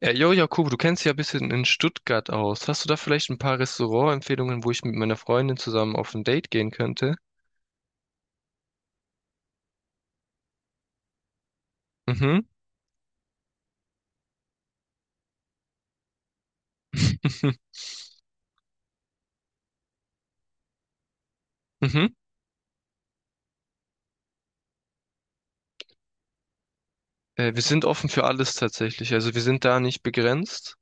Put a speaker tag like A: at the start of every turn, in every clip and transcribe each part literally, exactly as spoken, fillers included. A: Ja, jo, Jakob, du kennst dich ja ein bisschen in Stuttgart aus. Hast du da vielleicht ein paar Restaurantempfehlungen, wo ich mit meiner Freundin zusammen auf ein Date gehen könnte? Mhm. Mhm. Äh, wir sind offen für alles tatsächlich. Also wir sind da nicht begrenzt.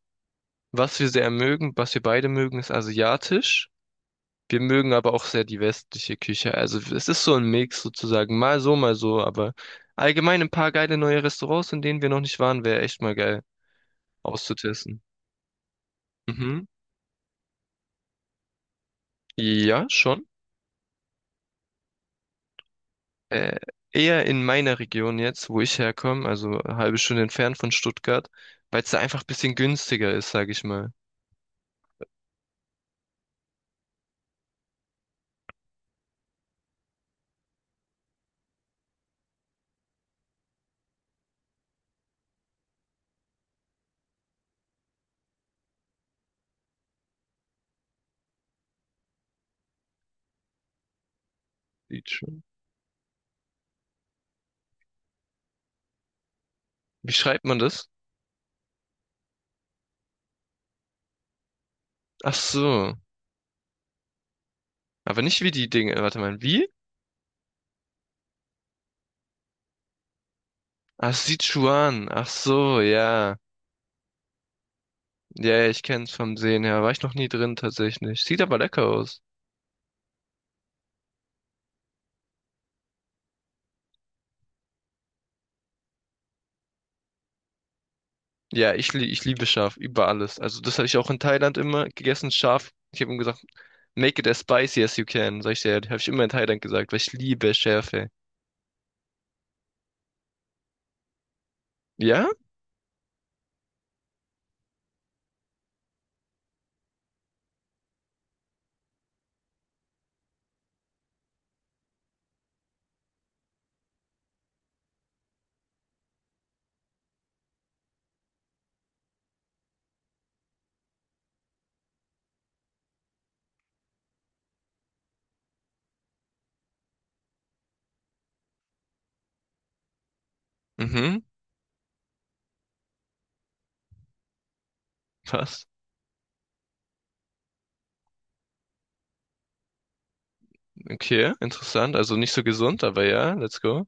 A: Was wir sehr mögen, was wir beide mögen, ist asiatisch. Wir mögen aber auch sehr die westliche Küche. Also es ist so ein Mix sozusagen. Mal so, mal so. Aber allgemein ein paar geile neue Restaurants, in denen wir noch nicht waren, wäre echt mal geil auszutesten. Mhm. Ja, schon. Äh, eher in meiner Region jetzt, wo ich herkomme, also eine halbe Stunde entfernt von Stuttgart, weil es da einfach ein bisschen günstiger ist, sag ich mal. Sieht schon. Wie schreibt man das? Ach so. Aber nicht wie die Dinge. Warte mal, wie? Ach, Sichuan. Ach so, ja. Ja, ja, ich kenn's vom Sehen her. War ich noch nie drin tatsächlich. Sieht aber lecker aus. Ja, ich, lie- ich liebe scharf über alles. Also das habe ich auch in Thailand immer gegessen, scharf. Ich habe ihm gesagt, make it as spicy as you can. Sag ich dir, habe ich immer in Thailand gesagt, weil ich liebe Schärfe. Ja? Mhm. Was? Okay, interessant. Also nicht so gesund, aber ja, let's go.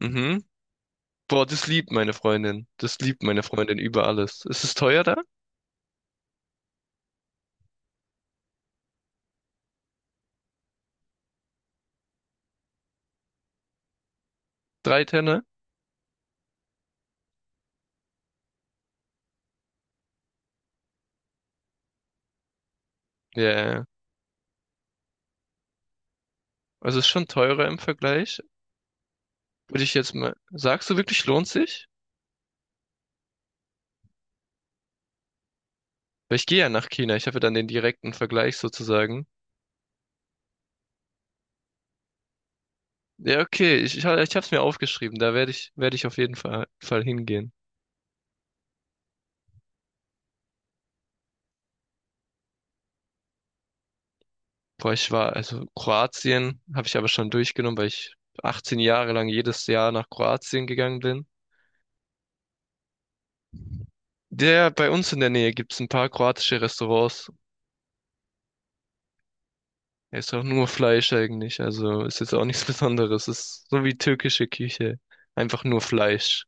A: Mhm. Boah, das liebt meine Freundin. Das liebt meine Freundin über alles. Ist es teuer da? Drei Tenner? Ja, ja, ja. Also ist schon teurer im Vergleich. Würde ich jetzt mal. Sagst du wirklich, lohnt sich? Weil ich gehe ja nach China. Ich habe ja dann den direkten Vergleich sozusagen. Ja, okay. Ich, ich, ha- ich habe es mir aufgeschrieben. Da werde ich, werde ich auf jeden Fall, Fall hingehen. Boah, ich war, also Kroatien habe ich aber schon durchgenommen, weil ich achtzehn Jahre lang jedes Jahr nach Kroatien gegangen bin. Der bei uns in der Nähe gibt's ein paar kroatische Restaurants. Er ist auch nur Fleisch eigentlich, also ist jetzt auch nichts Besonderes. Ist so wie türkische Küche, einfach nur Fleisch.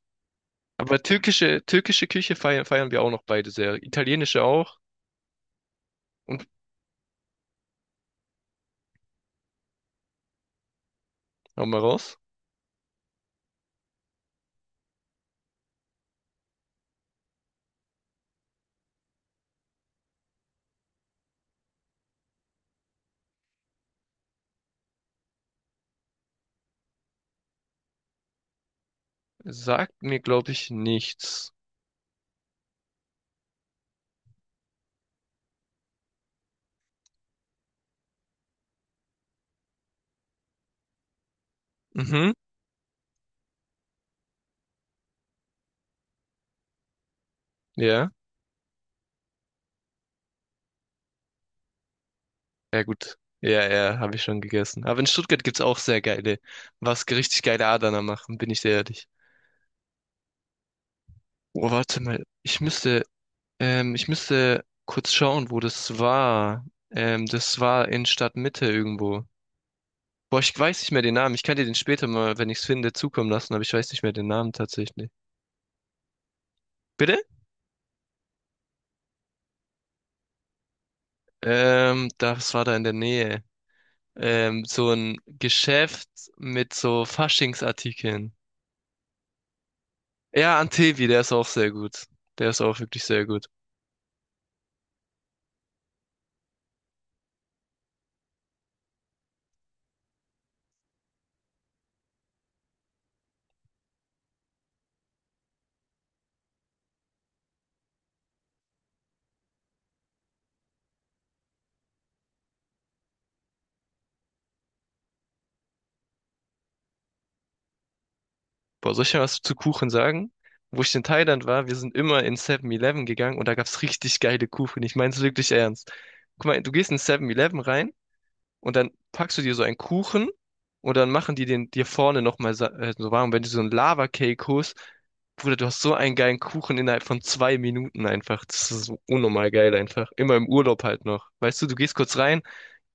A: Aber türkische türkische Küche feiern, feiern wir auch noch beide sehr. Italienische auch. Und hau mal raus. Sagt mir, glaube ich, nichts. Mhm. Ja. Ja gut. Ja, ja, habe ich schon gegessen. Aber in Stuttgart gibt's auch sehr geile, was richtig geile Adana machen, bin ich sehr ehrlich. Oh, warte mal. Ich müsste Ähm, ich müsste kurz schauen, wo das war. Ähm, das war in Stadtmitte irgendwo. Boah, ich weiß nicht mehr den Namen. Ich kann dir den später mal, wenn ich es finde, zukommen lassen, aber ich weiß nicht mehr den Namen tatsächlich. Bitte? Ähm, das war da in der Nähe. Ähm, so ein Geschäft mit so Faschingsartikeln. Ja, Antevi, der ist auch sehr gut. Der ist auch wirklich sehr gut. Boah, soll ich dir was zu Kuchen sagen? Wo ich in Thailand war, wir sind immer in Seven eleven gegangen und da gab's richtig geile Kuchen. Ich mein's wirklich ernst. Guck mal, du gehst in Seven eleven rein und dann packst du dir so einen Kuchen und dann machen die den dir vorne nochmal äh, so warm. Wenn du so einen Lava-Cake holst, Bruder, du hast so einen geilen Kuchen innerhalb von zwei Minuten einfach. Das ist so unnormal geil einfach. Immer im Urlaub halt noch. Weißt du, du gehst kurz rein,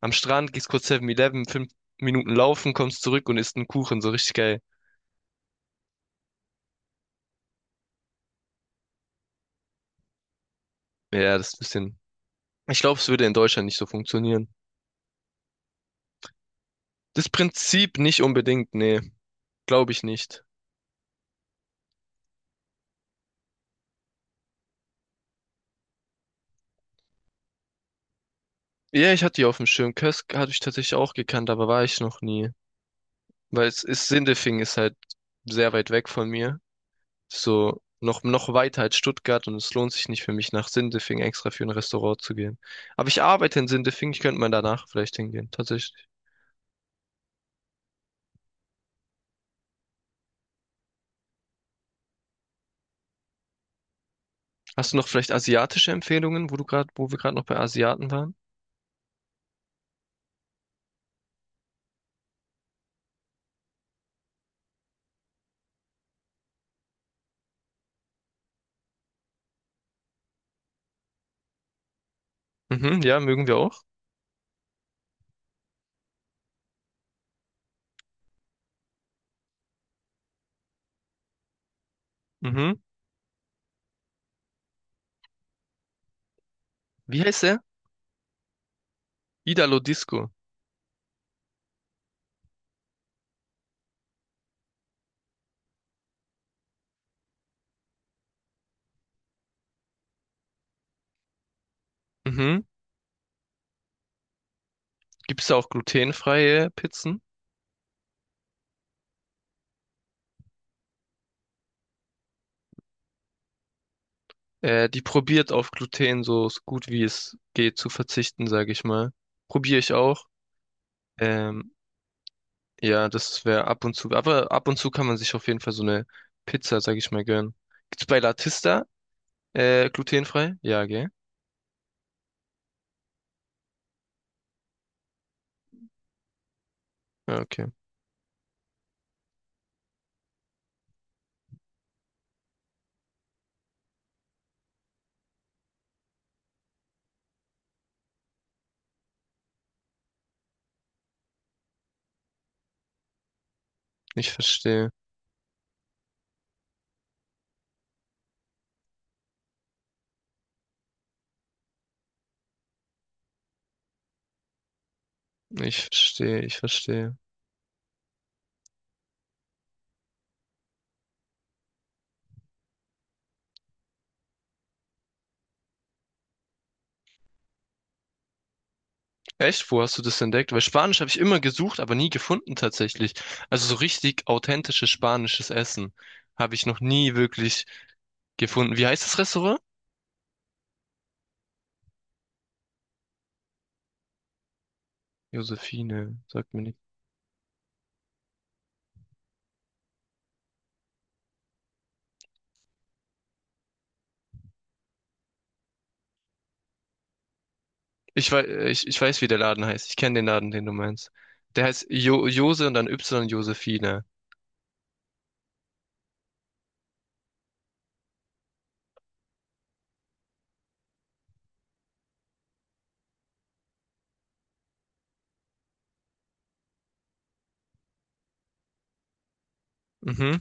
A: am Strand, gehst kurz Seven eleven fünf Minuten laufen, kommst zurück und isst einen Kuchen. So richtig geil. Ja, das ist ein bisschen. Ich glaube, es würde in Deutschland nicht so funktionieren. Das Prinzip nicht unbedingt, nee, glaube ich nicht. Ja, ich hatte die auf dem Schirm. Kösk hatte ich tatsächlich auch gekannt, aber war ich noch nie. Weil es ist, Sindelfingen ist halt sehr weit weg von mir. So noch, noch weiter als Stuttgart und es lohnt sich nicht für mich, nach Sindelfingen extra für ein Restaurant zu gehen. Aber ich arbeite in Sindelfingen, ich könnte mal danach vielleicht hingehen, tatsächlich. Hast du noch vielleicht asiatische Empfehlungen, wo du gerade, wo wir gerade noch bei Asiaten waren? Mhm, ja, mögen wir auch. Mhm. Wie heißt er? Idalo Disco. Mhm. Gibt es da auch glutenfreie Pizzen? Äh, die probiert auf Gluten so, so gut wie es geht zu verzichten, sage ich mal. Probiere ich auch. Ähm, ja, das wäre ab und zu. Aber ab und zu kann man sich auf jeden Fall so eine Pizza, sage ich mal, gönnen. Gibt's bei Latista äh, glutenfrei? Ja, gell? Ja, okay. Ich verstehe. Ich verstehe. Ich verstehe. Echt? Wo hast du das entdeckt? Weil Spanisch habe ich immer gesucht, aber nie gefunden tatsächlich. Also so richtig authentisches spanisches Essen habe ich noch nie wirklich gefunden. Wie heißt das Restaurant? Josephine, sagt mir nicht. Ich weiß, ich, ich weiß, wie der Laden heißt. Ich kenne den Laden, den du meinst. Der heißt jo Jose und dann Y Josephine. Mhm,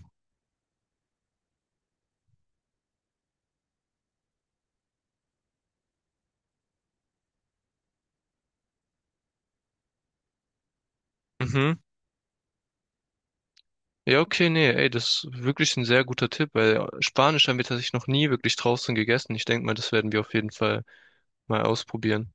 A: mhm. Ja, okay, nee, ey, das ist wirklich ein sehr guter Tipp, weil Spanisch haben wir tatsächlich noch nie wirklich draußen gegessen. Ich denke mal, das werden wir auf jeden Fall mal ausprobieren.